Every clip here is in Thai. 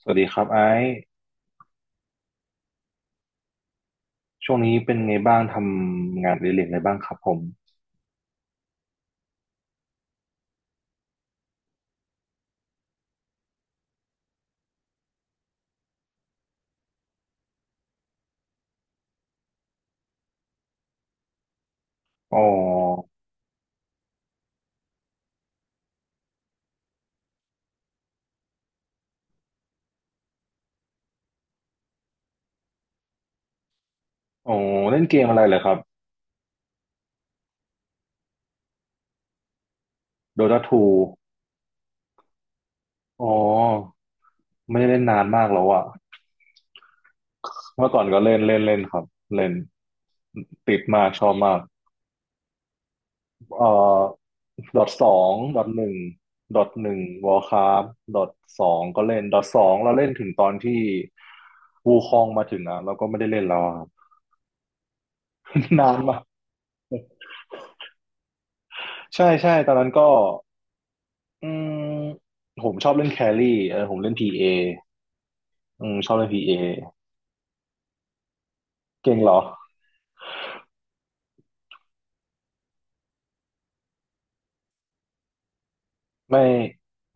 สวัสดีครับไอ้ช่วงนี้เป็นไงบ้างทำงานอดิเรกอะไรบ้างครับผมอ๋ออ๋อเล่นเกมอะไรเหรอครับ Dota 2อ๋อไม่ได้เล่นนานมากแล้วอะเมื่อก่อนก็เล่นเล่นเล่นครับเล่นติดมากชอบมากเอ่อ Dota สอง Dota หนึ่ง Dota หนึ่ง Warcraft Dota สองก็เล่น Dota สองเราเล่นถึงตอนที่วูคองมาถึงอะเราก็ไม่ได้เล่นแล้วอะครับ นานมากใช่ใช่ตอนนั้นก็ อืมผมชอบเล่นแครี่เออผมเล่นพีเออืมชอบเล่นพีเอเก่งเหรอไม่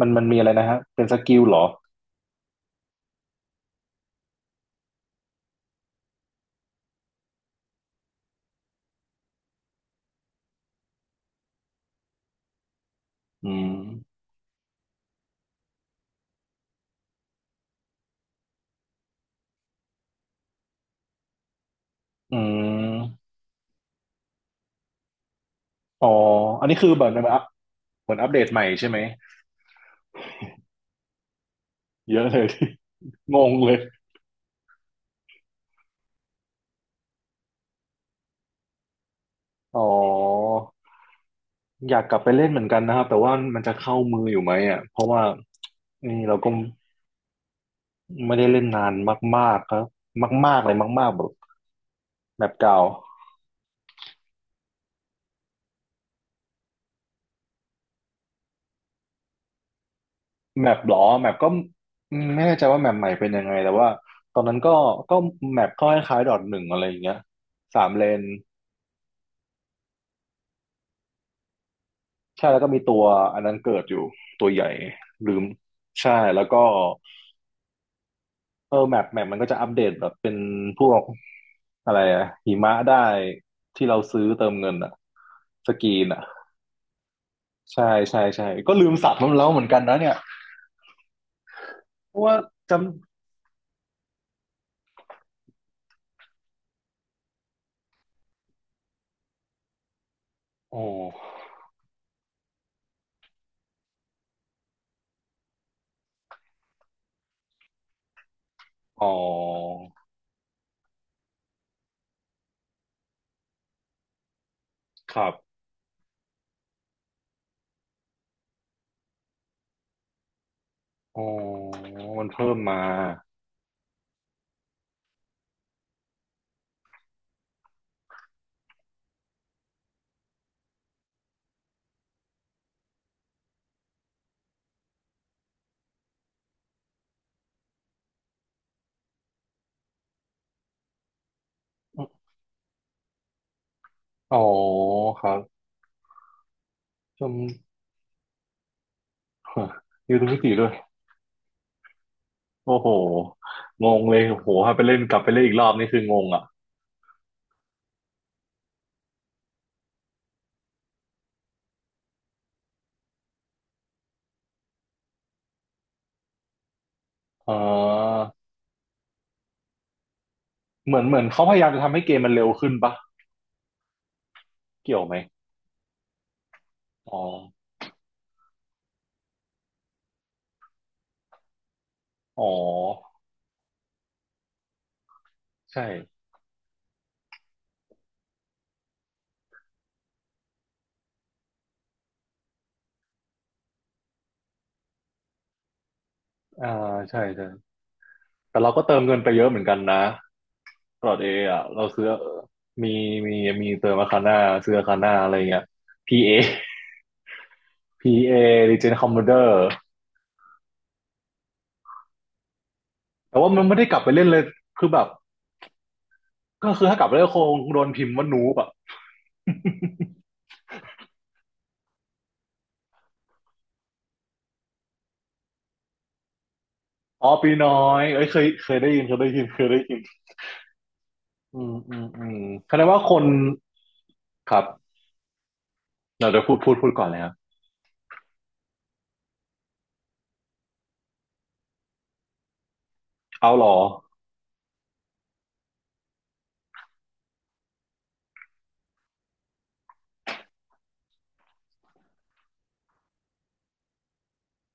มันมีอะไรนะฮะเป็นสกิลเหรออืมอืมอ๋อ อันนี้คือแบบมืนอัพเหมือนอัปเดตใหม่ใช่ไหม เยอะเลย งงเลย อ๋อ อยากกลับไปเล่นเหมือนกันนะครับ แต่ว่ามันจะเข้ามืออยู่ไหมอ่ะเพราะว่านี่เราก็ไม่ได้เล่นนานมากๆครับ มากๆเลยมากๆแบบแบบเก่า แมปหรอแมปก็อืมไม่แน่ใจว่าแมปใหม่เป็นยังไงแต่ว่าตอนนั้นก็แมปก็คล้ายๆดอทหนึ่งอะไรอย่างเงี้ยสามเลนใช่แล้วก็มีตัวอันนั้นเกิดอยู่ตัวใหญ่ลืมใช่แล้วก็เออแมปแมปมันก็จะอัปเดตแบบเป็นพวกอะไรอะหิมะได้ที่เราซื้อเติมเงินอะสกีนอะใช่ใช่ใช่ก็ลืมสับมันแล้วเหมือนกันนะเนี่ยเพราะว่าจำโอ้อ๋อครับอ๋อมันเพิ่มมา อ๋อครับชม ยูทูบมิติด้วยโอ้โหงงเลยโอ้โหถ้าไปเล่นกลับไปเล่นอีกรอบนี่คืองงอ่ะเอ่าเหมือนเขาพยายามจะทำให้เกมมันเร็วขึ้นปะเกี่ยวไหมอ๋ออ๋อใช่อ่าใช่ใช่แต่เราก็เติมเงินไปเยอะเหมือนกันนะตลอดเออ่ะเราซื้อมีมีมีเติมอาคาน่าซื้ออาคาน่าอะไรเงี้ย PA PA Legend Commander แต่ว่ามันไม่ได้กลับไปเล่นเลยคือแบบก็คือถ้ากลับไปเล่นคงโดนพิมพ์ว่านูบอะ อ๋อปีน้อยเอ้ยเคยได้ยินเคยได้ยินอืมอืมอืมแสดงว่าคนครับ เราจะพูดก่อนเลยครับ เอาหรอ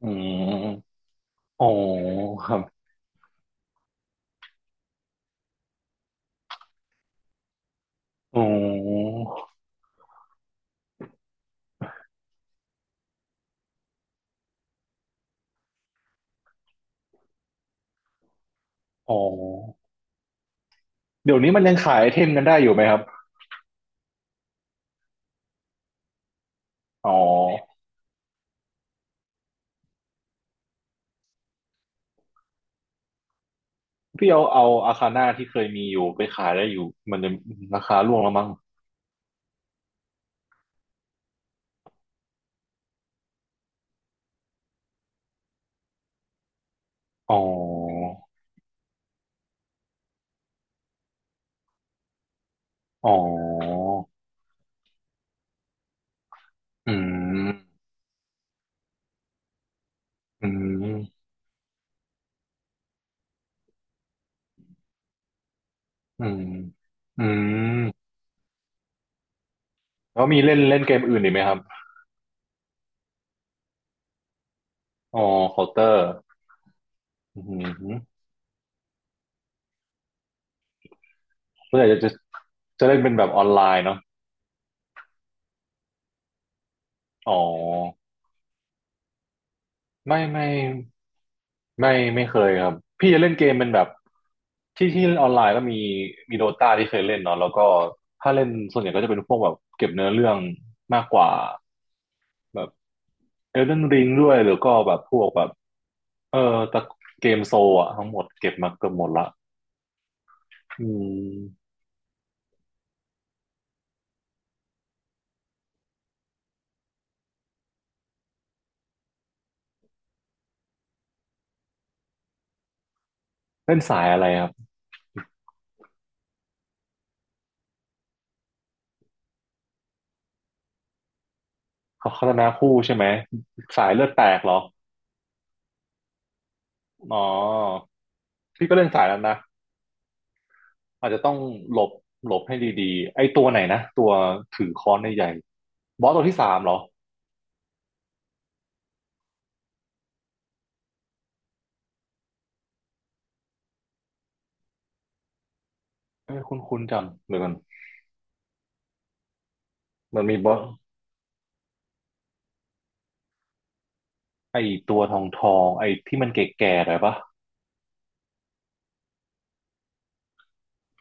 อืมอ๋อครับอ๋อ อ๋อ เดี๋ยวนี้มันยังขายไอเทมกันได้อยู่ไหมครับ อ๋อพี่เอาอาคาน่าที่เคยมีอยู่ไปขายได้อยู่มันจะราคาร่วงแล้วมั้งอ๋ออ๋ออืมอืมอืมอืมแล้วมีเล่นเล่นเกมอื่นอีกไหมครับอ๋อเคาน์เตอร์ อืมเพือส่ากจะเล่นเป็นแบบออนไลน์เนาะอ๋อไม่ไม่ไม่ไม่เคยครับพี่จะเล่นเกมเป็นแบบที่เล่นออนไลน์ก็มีมีโดตาที่เคยเล่นเนาะแล้วก็ถ้าเล่นส่วนใหญ่ก็จะเป็นพวกแบบเก็บเนื้อเรื่องมากกว่าแบบเอลเดนริงด้วยหรือก็แบบพวกแบบเออตะเกมโซลอะทั้งหมดเก็บมาเกือบหมดละอืมเล่นสายอะไรครับเขาพัฒนาคู่ใช่ไหมสายเลือดแตกเหรออ๋อพี่ก็เล่นสายนั้นนะ อาจจะต้องหลบหลบให้ดีๆไอ้ตัวไหนนะตัวถือค้อนใหญ่ๆบอสตัวที่สามเหรอเอ้ยคุ้นๆจำเดี๋ยวกันมันมีบอสไอ้ตัวทองทองไอ้ที่มันแก่ๆหน่อยปะ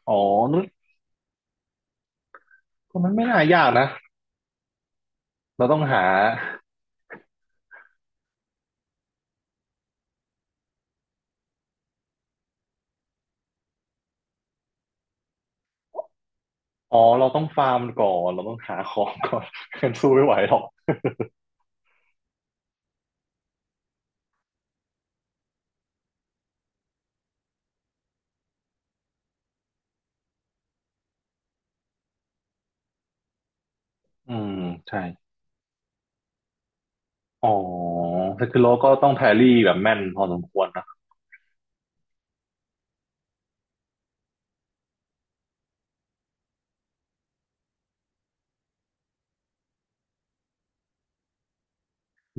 อ๋อนั่นมันไม่น่ายากนะเราต้องหาอ๋อเราต้องฟาร์มก่อนเราต้องหาของก่อน กันสู้ไม่ไหวหรอกอืมใช่อ๋อแต่คือเราก็ต้องแพรรี่แบบแม่นพอสมควรนะ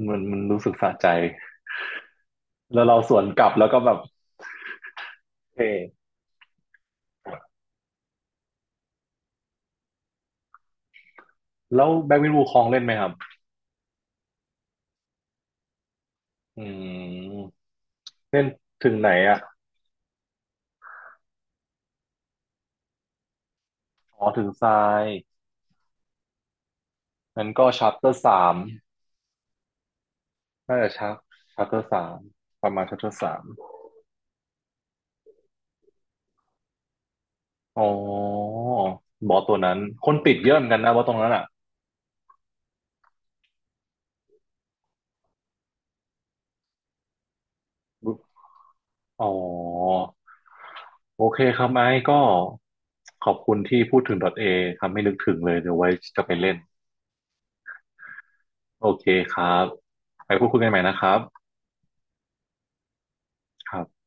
มันมันรู้สึกสะใจแล้วเราสวนกลับแล้วก็แบบเท่แล้วแบ็กวินวูคองเล่นไหมครับ อืมเล่นถึงไหนอ่ะอ๋อถึงทรายงั้นก็ชัปเตอร์สามน่าจะชัปชัปเตอร์สามประมาณชัปเตอร์สามอ๋อบอสตัวนั้นคนติดเยอะเหมือนกันนะบอสตรงนั้นอ่ะอ๋อโอเคครับไอ้ก็ขอบคุณที่พูดถึง .A ทำให้นึกถึงเลยเดี๋ยวไว้จะไปเล่นโอเคครับไปพูดคุยกันใหม่นะครับครับ